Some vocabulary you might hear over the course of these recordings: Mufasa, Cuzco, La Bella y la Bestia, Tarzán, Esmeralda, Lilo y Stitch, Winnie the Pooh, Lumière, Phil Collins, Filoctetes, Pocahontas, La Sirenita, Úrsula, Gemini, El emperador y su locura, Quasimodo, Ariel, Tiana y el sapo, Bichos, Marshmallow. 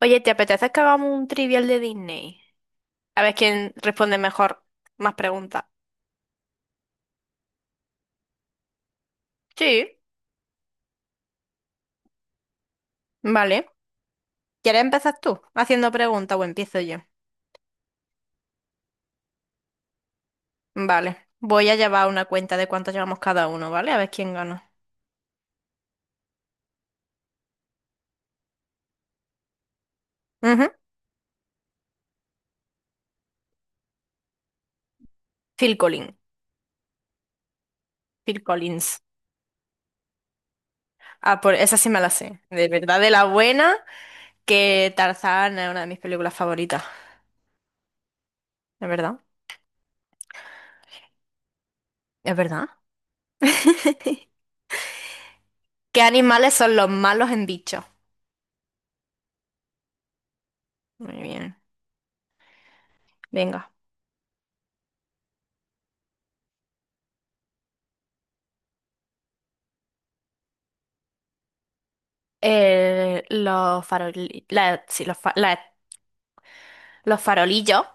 Oye, ¿te apetece que hagamos un trivial de Disney? A ver quién responde mejor más preguntas. Sí, vale. ¿Quieres empezar tú haciendo preguntas o empiezo yo? Vale. Voy a llevar una cuenta de cuánto llevamos cada uno, ¿vale? A ver quién gana. Ujú. Phil Collins. Phil Collins. Ah, por esa sí me la sé. De verdad, de la buena, que Tarzán es una de mis películas favoritas. ¿Es verdad? ¿Es verdad? ¿Qué animales son los malos en Bichos? Muy bien. Venga. Sí, los farolillos.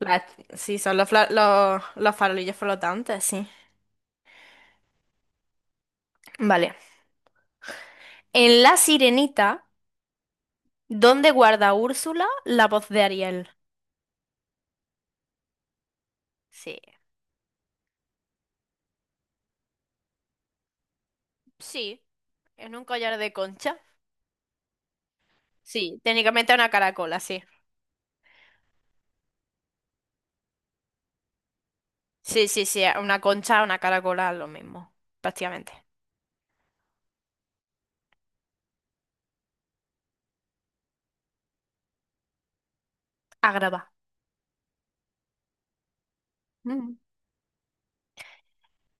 La- sí, son los farolillos flotantes, sí. Vale. En La Sirenita, ¿dónde guarda Úrsula la voz de Ariel? Sí, sí. En un collar de concha. Sí, técnicamente una caracola, sí. Sí, sí, sí, una concha, una caracola, lo mismo, prácticamente. Agrava. Mm.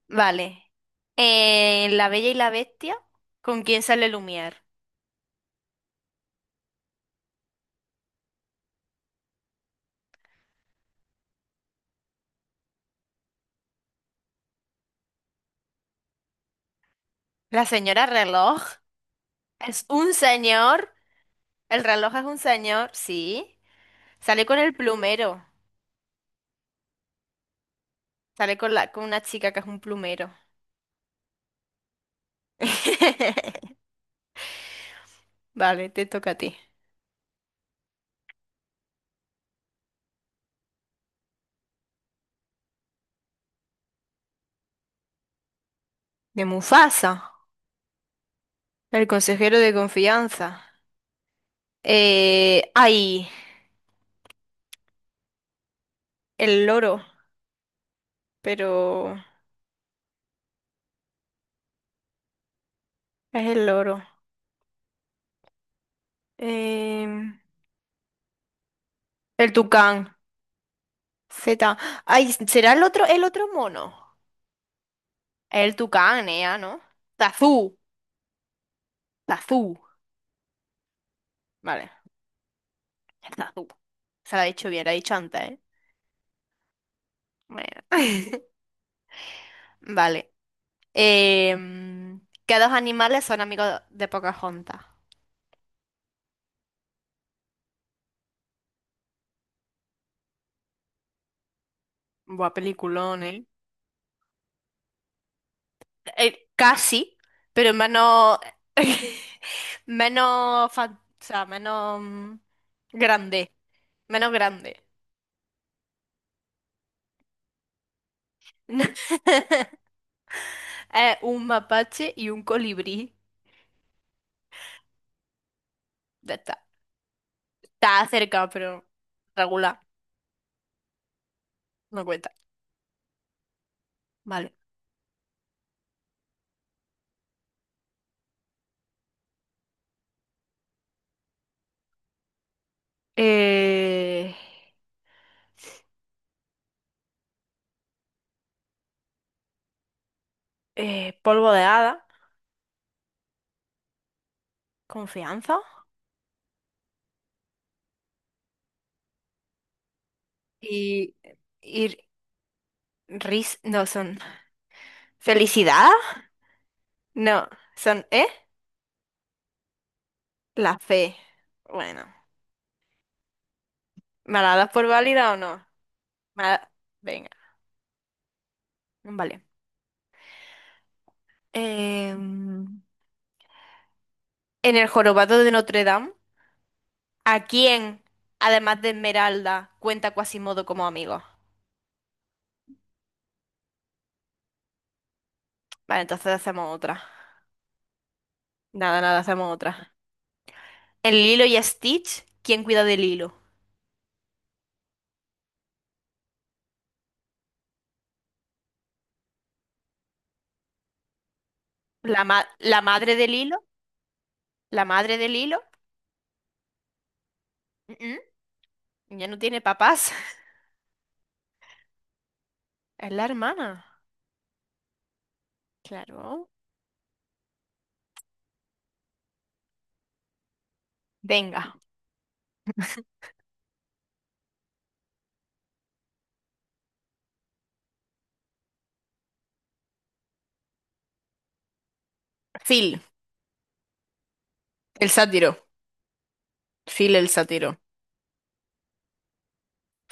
Vale. En La Bella y la Bestia, ¿con quién sale Lumière? La señora reloj es un señor. El reloj es un señor, sí. Sale con el plumero. Sale con la, con una chica que es un plumero. Vale, te toca a ti. De Mufasa, el consejero de confianza. Eh, ay, el loro, pero es el loro. Em, el tucán. Z. Ay, ¿será el otro mono? El tucán, Nea, ¿no? Tazú. Tazú. Vale. Ya está. Se la ha dicho bien, la ha dicho antes, ¿eh? Bueno. Vale. ¿Qué dos animales son amigos de Pocahontas? Buah, peliculón, ¿eh? Casi, pero menos. Menos. O sea, menos. Grande. Menos grande. Es un mapache y un colibrí. Ya está. Está cerca, pero regular. No cuenta. Vale. eh, polvo de hada, confianza y, y no son felicidad, no, son, ¿eh? La fe. Bueno, ¿me la das por válida o no? Me la- Venga, vale. Em, en el jorobado de Notre Dame, ¿a quién, además de Esmeralda, cuenta Quasimodo como amigo? Vale, entonces hacemos otra. Nada, nada, hacemos otra. En Lilo y Stitch, ¿quién cuida de Lilo? La madre del hilo, la madre del hilo, mm, ya no tiene papás. Es la hermana, claro. Venga. Phil, el sátiro. Phil el sátiro.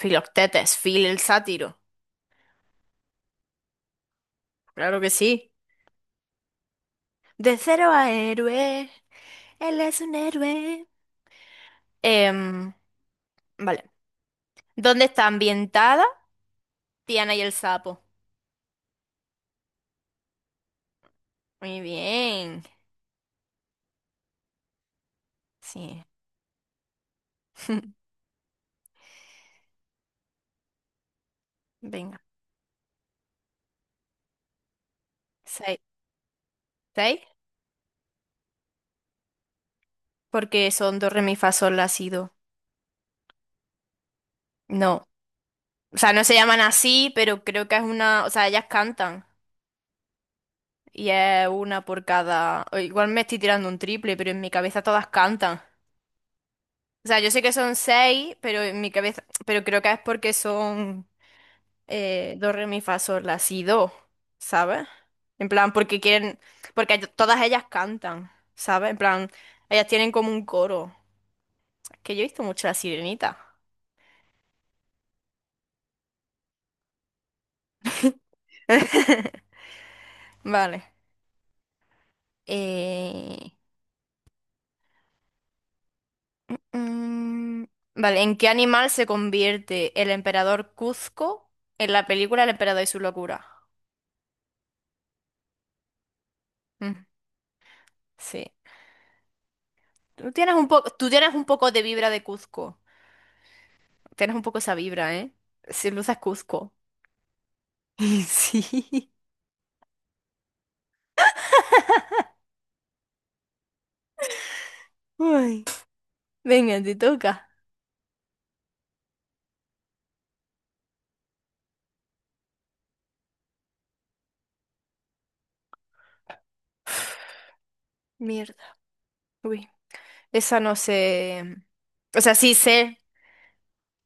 Filoctetes, Phil el sátiro. Claro que sí. De cero a héroe. Él es un héroe. Em, vale. ¿Dónde está ambientada Tiana y el sapo? Muy bien. Sí. Venga. Seis. ¿Seis? Porque son dos re, mi, fa, sol, la, si, do. No, o sea, no se llaman así, pero creo que es una, o sea, ellas cantan y es una por cada, o igual me estoy tirando un triple, pero en mi cabeza todas cantan. O sea, yo sé que son seis, pero en mi cabeza, pero creo que es porque son do, re, mi, fa, sol, la, si, do, ¿sabes? En plan, porque quieren, porque ellas- todas ellas cantan, ¿sabes? En plan, ellas tienen como un coro. Es que yo he visto mucho La Sirenita. Vale. Eh, Mm, vale, ¿en qué animal se convierte el emperador Cuzco en la película El emperador y su locura? Mm, sí. Tú tienes un poco, tú tienes un poco de vibra de Cuzco. Tienes un poco esa vibra, ¿eh? Si luces Cuzco. Sí. Ay. Venga, te toca. Mierda. Uy. Esa no sé. O sea, sí sé.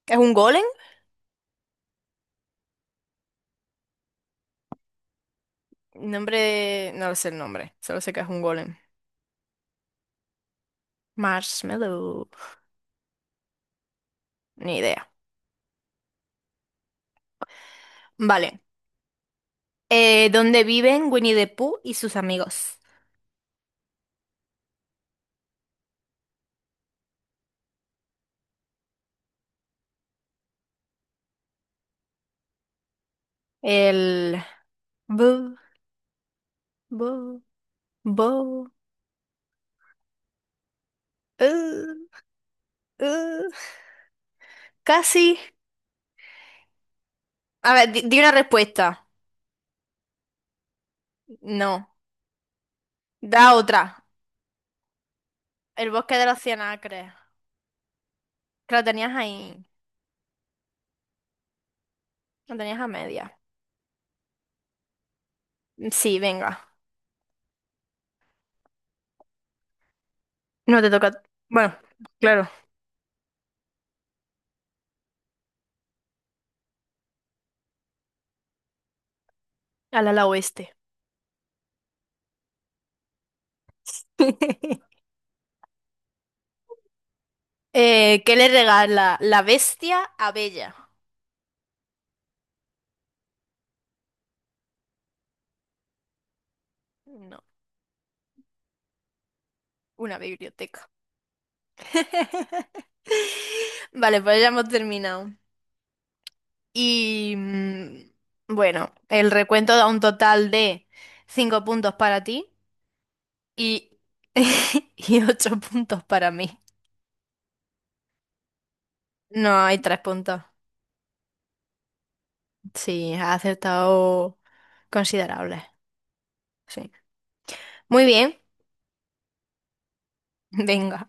¿Es un golem? Nombre. No lo sé el nombre. Solo sé que es un golem. Marshmallow. Ni idea. Vale. Donde viven Winnie the Pooh y sus amigos. El... bu- bu- bu- uh, uh, casi. A ver, di, di una respuesta. No. Da otra. El bosque de los cien acres. Que lo tenías ahí. Lo tenías a media. Sí, venga. No te toca. Bueno, claro. Al ala oeste. ¿Qué le regala la bestia a Bella? No, una biblioteca. Vale, pues ya hemos terminado. Y bueno, el recuento da un total de 5 puntos para ti y, y 8 puntos para mí. No, hay 3 puntos. Sí, has acertado considerables. Sí. Muy bien, venga.